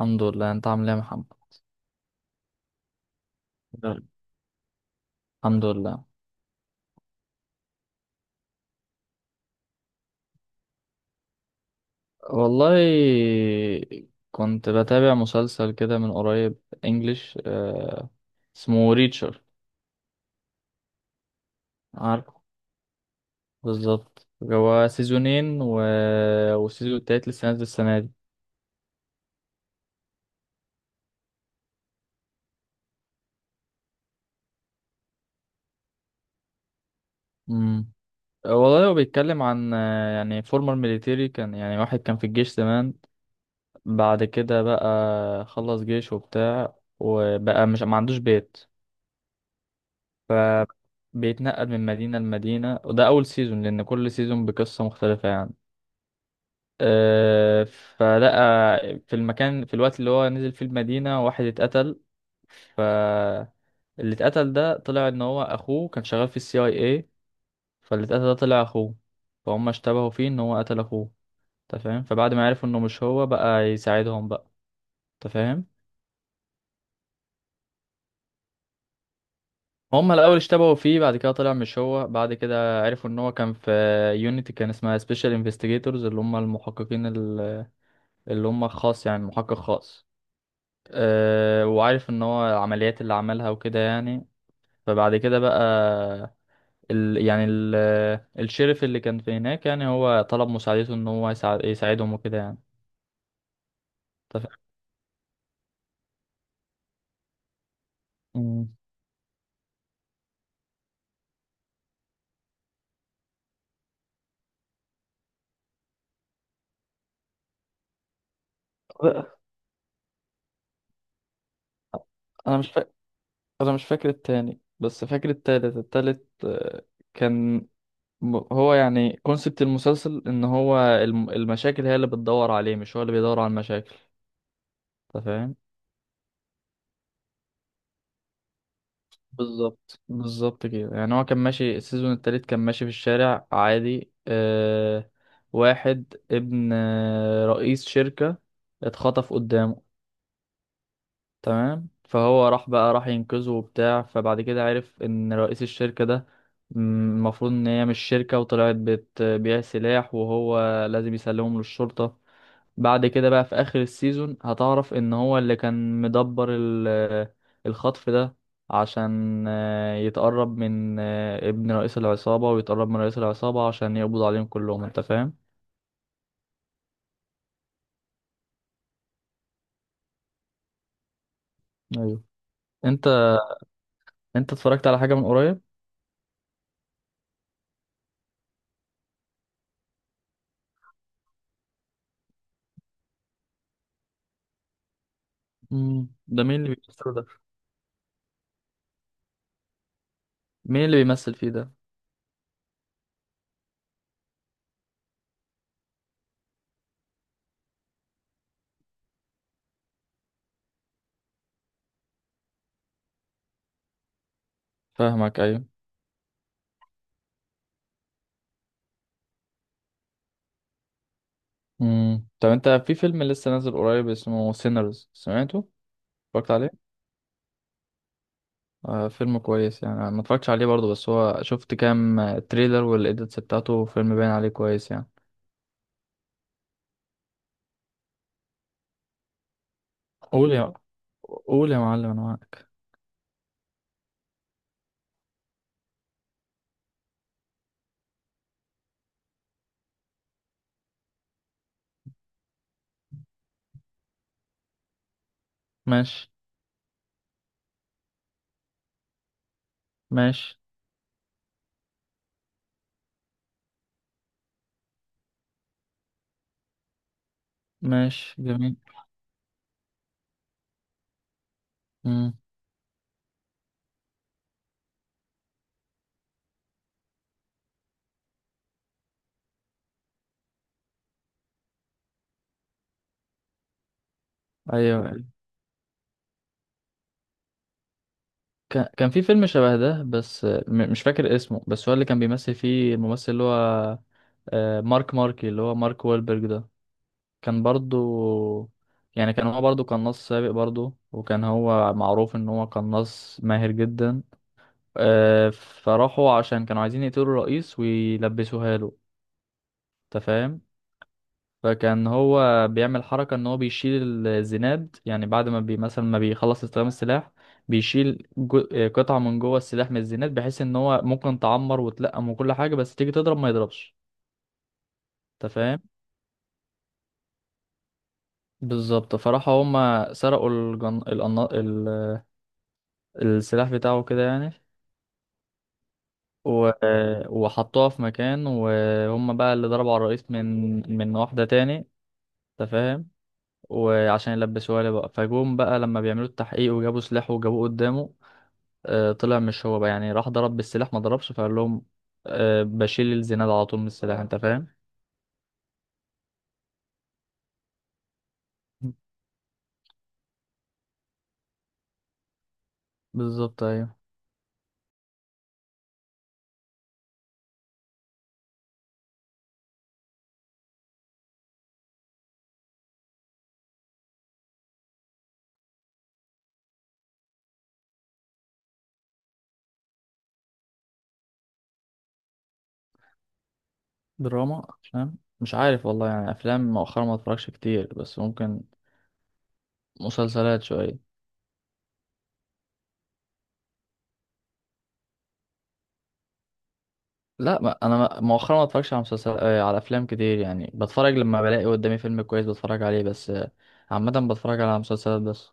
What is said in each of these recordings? الحمد لله. انت عامل ايه يا محمد؟ نعم. الحمد لله. والله كنت بتابع مسلسل كده من قريب. انجليش. اسمه ريتشر. عارفه. بالظبط، هو سيزونين والسيزون التالت لسه نازل السنة دي. مم. والله هو بيتكلم عن يعني فورمر ميليتيري، كان يعني واحد كان في الجيش زمان. بعد كده بقى خلص جيش وبتاع، وبقى مش ما عندوش بيت، فبيتنقل من مدينة لمدينة. وده أول سيزون لأن كل سيزون بقصة مختلفة يعني. فلقى في المكان، في الوقت اللي هو نزل فيه المدينة، واحد اتقتل. ف اللي اتقتل ده طلع ان هو اخوه كان شغال في الCIA. فاللي اتقتل ده طلع اخوه، فهم اشتبهوا فيه ان هو قتل اخوه. انت فاهم؟ فبعد ما عرفوا انه مش هو، بقى يساعدهم بقى. انت فاهم؟ هم الاول اشتبهوا فيه، بعد كده طلع مش هو، بعد كده عرفوا ان هو كان في يونيتي، كان اسمها سبيشال انفستيجيتورز، اللي هم اللي هم خاص، يعني محقق خاص. وعارف ان هو العمليات اللي عملها وكده يعني. فبعد كده بقى ال يعني ال الشريف اللي كان في هناك، يعني هو طلب مساعدته ان هو يساعدهم وكده يعني. أنت فاهم؟ مم. لا، انا مش فاكر انا مش فاكر التاني، بس فاكر التالت التالت آه، كان هو يعني كونسبت المسلسل ان هو المشاكل هي اللي بتدور عليه، مش هو اللي بيدور على المشاكل. انت فاهم؟ بالظبط بالظبط كده يعني. هو كان ماشي السيزون التالت كان ماشي في الشارع عادي. واحد ابن رئيس شركة اتخطف قدامه. تمام. فهو راح ينقذه وبتاع. فبعد كده عرف ان رئيس الشركة ده، م- المفروض ان هي مش شركة وطلعت بتبيع سلاح، وهو لازم يسلمهم للشرطة. بعد كده بقى، في اخر السيزون، هتعرف ان هو اللي كان مدبر الخطف ده، عشان يتقرب من ابن رئيس العصابة، ويتقرب من رئيس العصابة عشان يقبض عليهم كلهم. انت فاهم؟ ايوه. انت انت اتفرجت على حاجة من قريب؟ ده مين اللي بيمثل ده؟ مين اللي بيمثل فيه ده؟ فاهمك، ايوه. طب انت، في فيلم لسه نازل قريب اسمه سينرز، سمعته؟ اتفرجت عليه. فيلم كويس يعني. أنا ما اتفرجتش عليه برضه، بس هو شفت كام تريلر والإيديتس بتاعته، فيلم باين عليه كويس يعني. قول يا قول يا معلم، أنا معاك. ماشي. ماشي. ماشي جميل. مم. أيوه. كان في فيلم شبه ده، بس مش فاكر اسمه، بس هو اللي كان بيمثل فيه الممثل اللي هو آه، مارك ماركي اللي هو مارك وولبرج ده. كان برضه يعني كان هو برضه قناص سابق برضه، وكان هو معروف ان هو قناص ماهر جدا. فراحوا، عشان كانوا عايزين يقتلوا الرئيس ويلبسوها له. انت فاهم؟ فكان هو بيعمل حركة ان هو بيشيل الزناد، يعني بعد ما مثلا ما بيخلص استخدام السلاح، بيشيل جو... آه، قطعة من جوه السلاح من الزناد، بحيث ان هو ممكن تعمر وتلقم وكل حاجة، بس تيجي تضرب ما يضربش. انت فاهم؟ بالظبط. فراحوا هما سرقوا السلاح بتاعه كده يعني. و... آه، وحطوها في مكان، وهم بقى اللي ضربوا على الرئيس من واحدة تاني. انت فاهم؟ وعشان يلبسوها لي بقى، فجوم بقى لما بيعملوا التحقيق وجابوا سلاح وجابوه قدامه. طلع مش هو بقى، يعني راح ضرب بالسلاح ما ضربش، فقال لهم بشيل الزناد على طول من السلاح. انت فاهم؟ بالظبط، ايوه. دراما. فاهم. مش عارف والله، يعني افلام مؤخرا ما اتفرجش كتير، بس ممكن مسلسلات شويه. لا، ما انا ما- مؤخرا ما اتفرجش على مسلسل على افلام كتير يعني. بتفرج لما بلاقي قدامي فيلم كويس بتفرج عليه بس. عامه بتفرج على مسلسلات بس.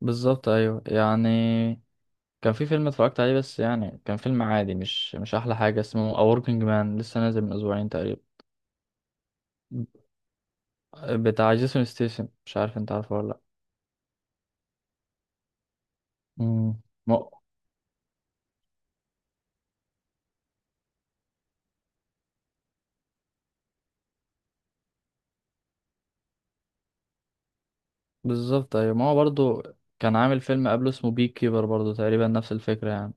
بالظبط ايوه يعني. كان في فيلم اتفرجت عليه، بس يعني كان فيلم عادي، مش احلى حاجه، اسمه A Working Man، لسه نازل من اسبوعين تقريبا. بتاع جيسون ستيسن، مش عارف انت عارفه ولا لا. امم. ما بالظبط ايوه، ما هو برضه كان عامل فيلم قبله اسمه بي كيبر، برضه تقريبا نفس الفكره يعني.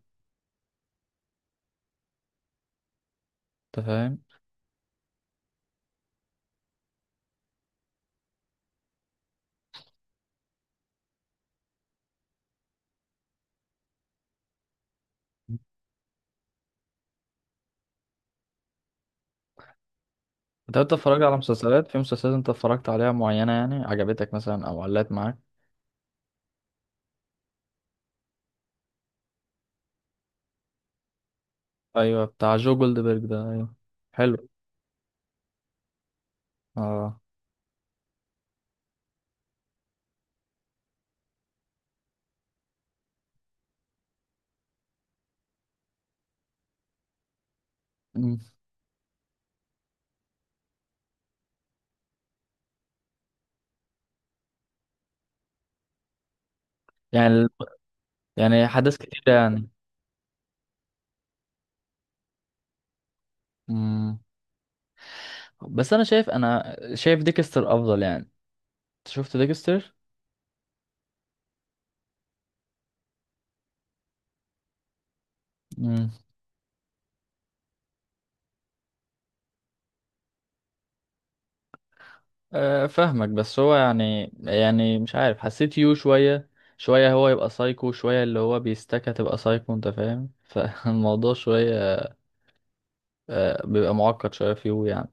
انت فاهم؟ انت اتفرجت على مسلسلات في مسلسلات انت اتفرجت عليها معينه، يعني عجبتك مثلا او علقت معاك؟ ايوه، بتاع جو جولدبرج ده، ايوه. حلو. اه. مم. يعني يعني حدث كتير يعني. مم. بس انا شايف ديكستر افضل يعني. انت شفت ديكستر؟ امم. أه فاهمك، بس هو يعني مش عارف، حسيت يو شوية شوية، هو يبقى سايكو شوية، اللي هو بيستكى تبقى سايكو. انت فاهم فالموضوع شوية أه بيبقى معقد شوية في يو يعني.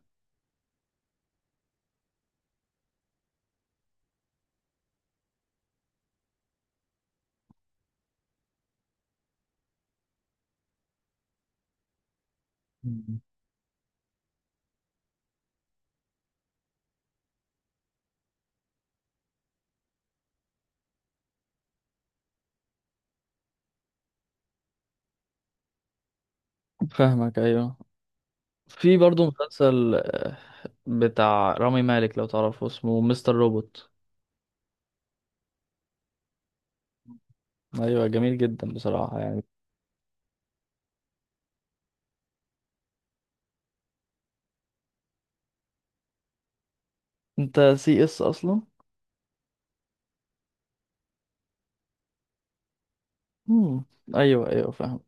فاهمك، ايوه. في برضه مسلسل بتاع رامي مالك، لو تعرفه اسمه مستر روبوت. ايوه، جميل جدا بصراحة يعني. انت CS اصلا؟ مم. ايوه ايوه فاهم.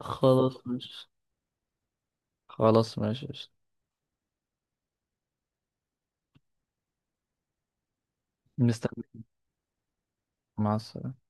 خلاص ماشي. خلاص ماشي. مستني. مع السلامة.